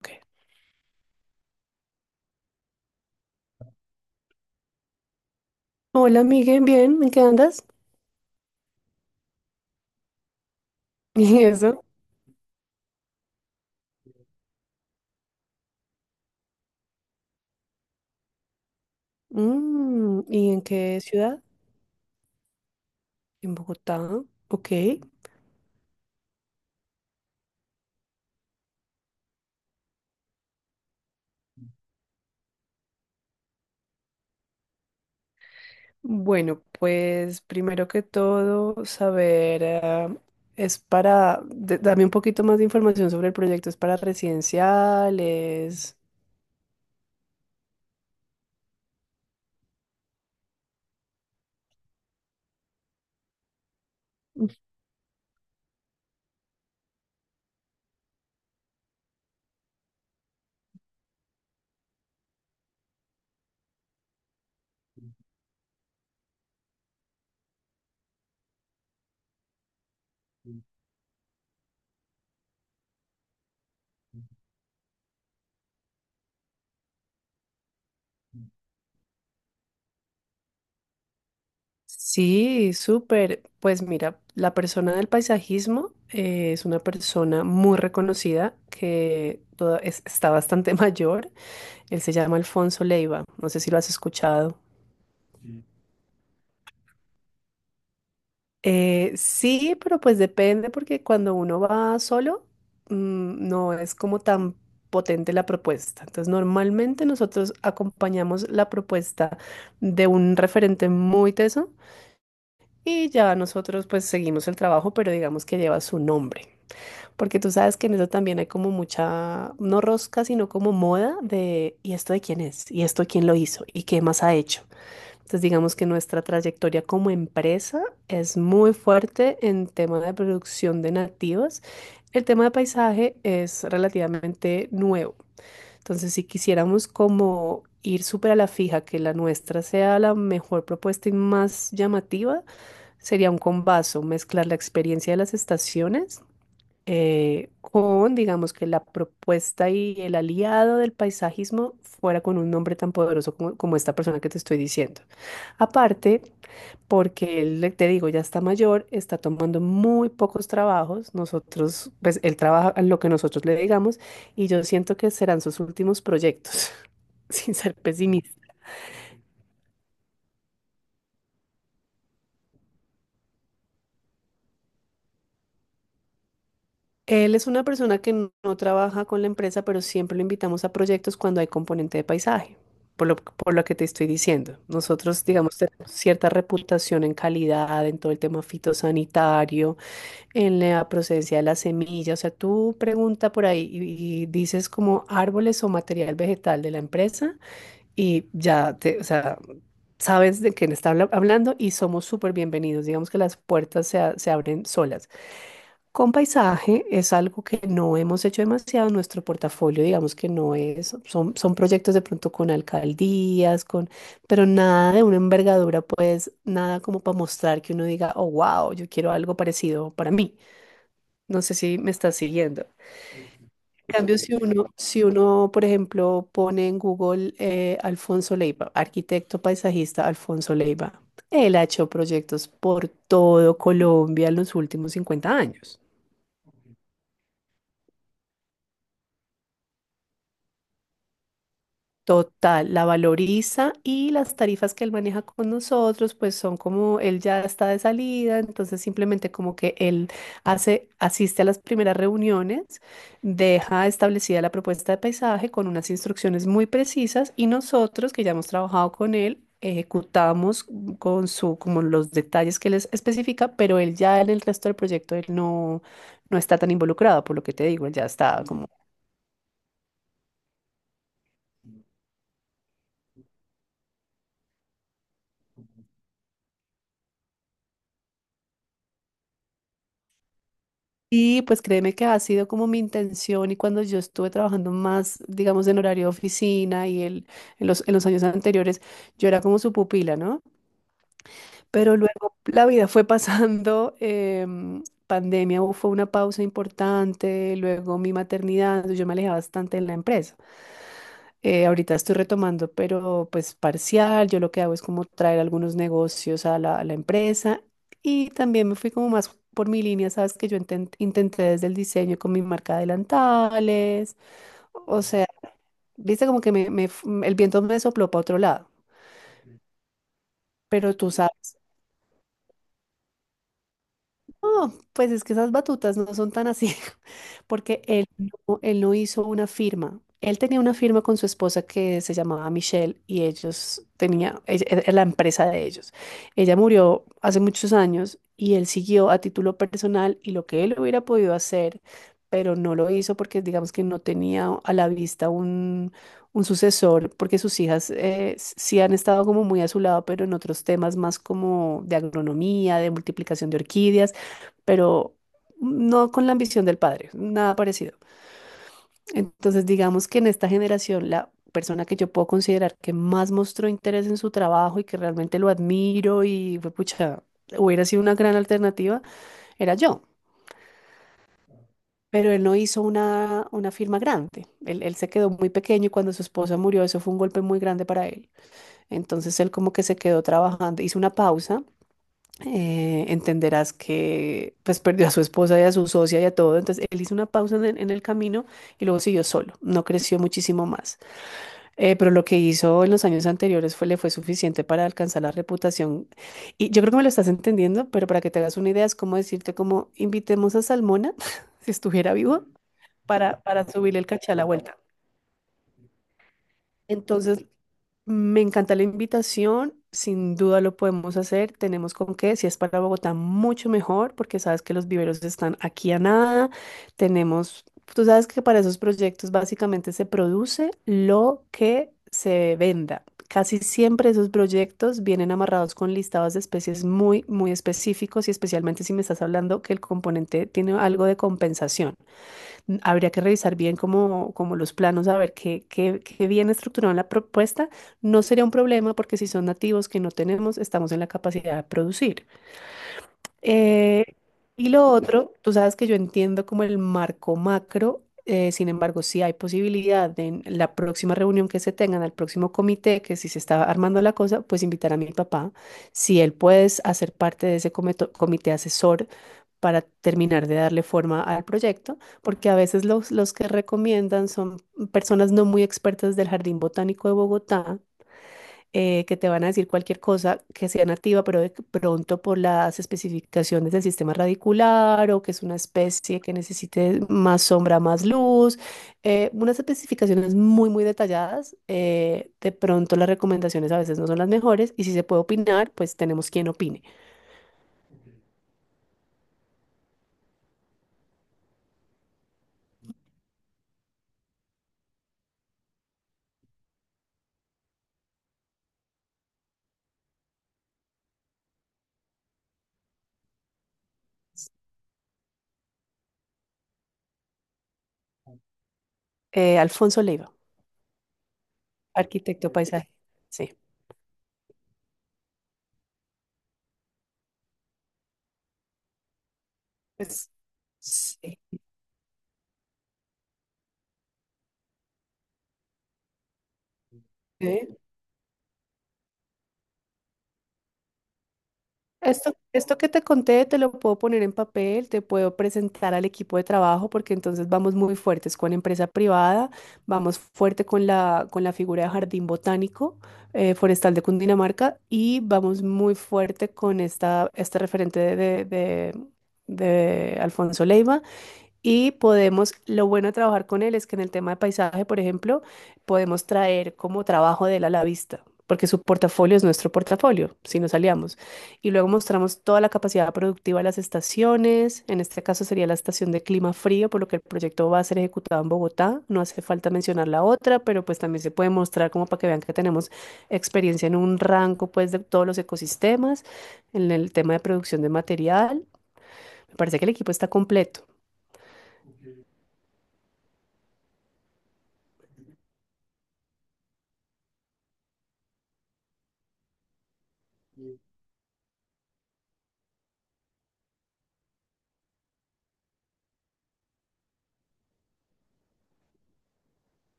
Ok. Hola, Miguel, bien, ¿en qué andas? ¿Y eso? Mm, ¿y en qué ciudad? En Bogotá. Ok. Bueno, pues primero que todo, saber, es para, dame un poquito más de información sobre el proyecto, es para residenciales. Sí, súper. Pues mira, la persona del paisajismo es una persona muy reconocida que está bastante mayor. Él se llama Alfonso Leiva, no sé si lo has escuchado. Sí. Sí, pero pues depende porque cuando uno va solo, no es como tan potente la propuesta. Entonces, normalmente nosotros acompañamos la propuesta de un referente muy teso y ya nosotros pues seguimos el trabajo, pero digamos que lleva su nombre. Porque tú sabes que en eso también hay como mucha, no rosca, sino como moda de, ¿y esto de quién es? ¿Y esto quién lo hizo? ¿Y qué más ha hecho? Entonces, digamos que nuestra trayectoria como empresa es muy fuerte en tema de producción de nativas. El tema de paisaje es relativamente nuevo. Entonces, si quisiéramos como ir súper a la fija, que la nuestra sea la mejor propuesta y más llamativa, sería un combazo, mezclar la experiencia de las estaciones con, digamos, que la propuesta y el aliado del paisajismo fuera con un nombre tan poderoso como, como esta persona que te estoy diciendo. Aparte, porque él, te digo, ya está mayor, está tomando muy pocos trabajos. Nosotros, pues él trabaja en lo que nosotros le digamos y yo siento que serán sus últimos proyectos, sin ser pesimista. Él es una persona que no trabaja con la empresa, pero siempre lo invitamos a proyectos cuando hay componente de paisaje, por lo que te estoy diciendo. Nosotros, digamos, tenemos cierta reputación en calidad, en todo el tema fitosanitario, en la procedencia de las semillas. O sea, tú pregunta por ahí y dices como árboles o material vegetal de la empresa y ya te, o sea, sabes de quién está hablando y somos súper bienvenidos. Digamos que las puertas se, se abren solas. Con paisaje es algo que no hemos hecho demasiado en nuestro portafolio, digamos que no es, son proyectos de pronto con alcaldías, con, pero nada de una envergadura, pues nada como para mostrar que uno diga, oh, wow, yo quiero algo parecido para mí. No sé si me estás siguiendo. En cambio, si uno, por ejemplo, pone en Google Alfonso Leiva, arquitecto paisajista Alfonso Leiva, él ha hecho proyectos por todo Colombia en los últimos 50 años. Total, la valoriza y las tarifas que él maneja con nosotros, pues son como él ya está de salida, entonces simplemente como que él hace, asiste a las primeras reuniones, deja establecida la propuesta de paisaje con unas instrucciones muy precisas y nosotros que ya hemos trabajado con él, ejecutamos con su, como los detalles que les especifica, pero él ya en el resto del proyecto él no, no está tan involucrado, por lo que te digo, él ya está como. Y pues créeme que ha sido como mi intención y cuando yo estuve trabajando más, digamos, en horario de oficina y en en los años anteriores, yo era como su pupila, ¿no? Pero luego la vida fue pasando, pandemia fue una pausa importante, luego mi maternidad, yo me alejé bastante de la empresa. Ahorita estoy retomando, pero pues parcial. Yo lo que hago es como traer algunos negocios a la empresa, y también me fui como más por mi línea. Sabes que yo intenté desde el diseño con mi marca de delantales, o sea, viste como que el viento me sopló para otro lado, pero tú sabes. No, pues es que esas batutas no son tan así, porque él no hizo una firma. Él tenía una firma con su esposa que se llamaba Michelle y ellos tenía, era la empresa de ellos. Ella murió hace muchos años y él siguió a título personal y lo que él hubiera podido hacer, pero no lo hizo porque digamos que no tenía a la vista un sucesor, porque sus hijas sí han estado como muy a su lado, pero en otros temas más como de agronomía, de multiplicación de orquídeas, pero no con la ambición del padre, nada parecido. Entonces, digamos que en esta generación, la persona que yo puedo considerar que más mostró interés en su trabajo y que realmente lo admiro y fue pucha, hubiera sido una gran alternativa, era yo. Pero él no hizo una firma grande. Él se quedó muy pequeño, y cuando su esposa murió, eso fue un golpe muy grande para él. Entonces él como que se quedó trabajando, hizo una pausa. Entenderás que pues perdió a su esposa y a su socia y a todo. Entonces él hizo una pausa en el camino y luego siguió solo, no creció muchísimo más. Pero lo que hizo en los años anteriores fue, le fue suficiente para alcanzar la reputación. Y yo creo que me lo estás entendiendo, pero para que te hagas una idea es como decirte como invitemos a Salmona, si estuviera vivo, para subirle el caché a la vuelta. Entonces me encanta la invitación, sin duda lo podemos hacer, tenemos con qué. Si es para Bogotá, mucho mejor, porque sabes que los viveros están aquí a nada, tenemos, tú sabes que para esos proyectos básicamente se produce lo que se venda. Casi siempre esos proyectos vienen amarrados con listados de especies muy, muy específicos y especialmente si me estás hablando que el componente tiene algo de compensación. Habría que revisar bien como, como los planos, a ver qué, bien estructurada la propuesta. No sería un problema porque si son nativos que no tenemos, estamos en la capacidad de producir. Eh, y lo otro, tú sabes que yo entiendo como el marco macro. Sin embargo, si hay posibilidad de en la próxima reunión que se tengan, al próximo comité, que si se está armando la cosa, pues invitar a mi papá, si él puede hacer parte de ese comité asesor para terminar de darle forma al proyecto, porque a veces los que recomiendan son personas no muy expertas del Jardín Botánico de Bogotá, que te van a decir cualquier cosa que sea nativa, pero de pronto por las especificaciones del sistema radicular o que es una especie que necesite más sombra, más luz, unas especificaciones muy, muy detalladas. De pronto las recomendaciones a veces no son las mejores y si se puede opinar, pues tenemos quien opine. Alfonso Leiva, arquitecto paisaje. Sí. Pues, sí. ¿Eh? Esto que te conté te lo puedo poner en papel, te puedo presentar al equipo de trabajo porque entonces vamos muy fuertes con empresa privada, vamos fuerte con la figura de Jardín Botánico Forestal de Cundinamarca, y vamos muy fuerte con este referente de Alfonso Leiva. Y podemos, lo bueno de trabajar con él es que en el tema de paisaje, por ejemplo, podemos traer como trabajo de él a la vista, porque su portafolio es nuestro portafolio, si nos aliamos. Y luego mostramos toda la capacidad productiva de las estaciones, en este caso sería la estación de clima frío, por lo que el proyecto va a ser ejecutado en Bogotá. No hace falta mencionar la otra, pero pues también se puede mostrar como para que vean que tenemos experiencia en un rango pues de todos los ecosistemas, en el tema de producción de material. Me parece que el equipo está completo.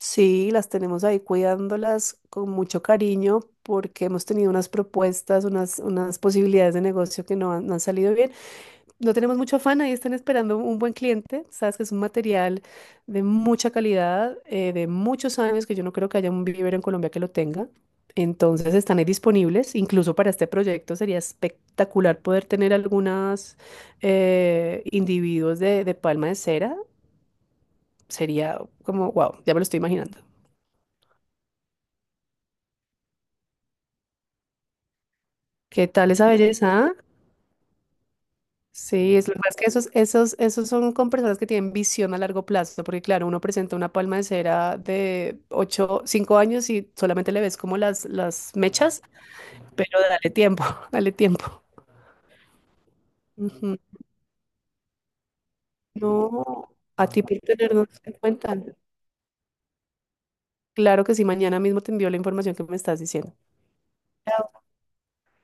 Sí, las tenemos ahí cuidándolas con mucho cariño porque hemos tenido unas propuestas, unas posibilidades de negocio que no han salido bien. No tenemos mucho afán, ahí están esperando un buen cliente. Sabes que es un material de mucha calidad, de muchos años, que yo no creo que haya un vivero en Colombia que lo tenga. Entonces están ahí disponibles, incluso para este proyecto sería espectacular poder tener algunos individuos de palma de cera. Sería como, wow, ya me lo estoy imaginando. ¿Qué tal esa belleza? ¿Ah? Sí, es lo que pasa es que esos son con personas que tienen visión a largo plazo, porque claro, uno presenta una palma de cera de 8 5 años y solamente le ves como las mechas, pero dale tiempo, dale tiempo. Ujú. No, a ti por tenernos en cuenta. Claro que sí, mañana mismo te envío la información que me estás diciendo.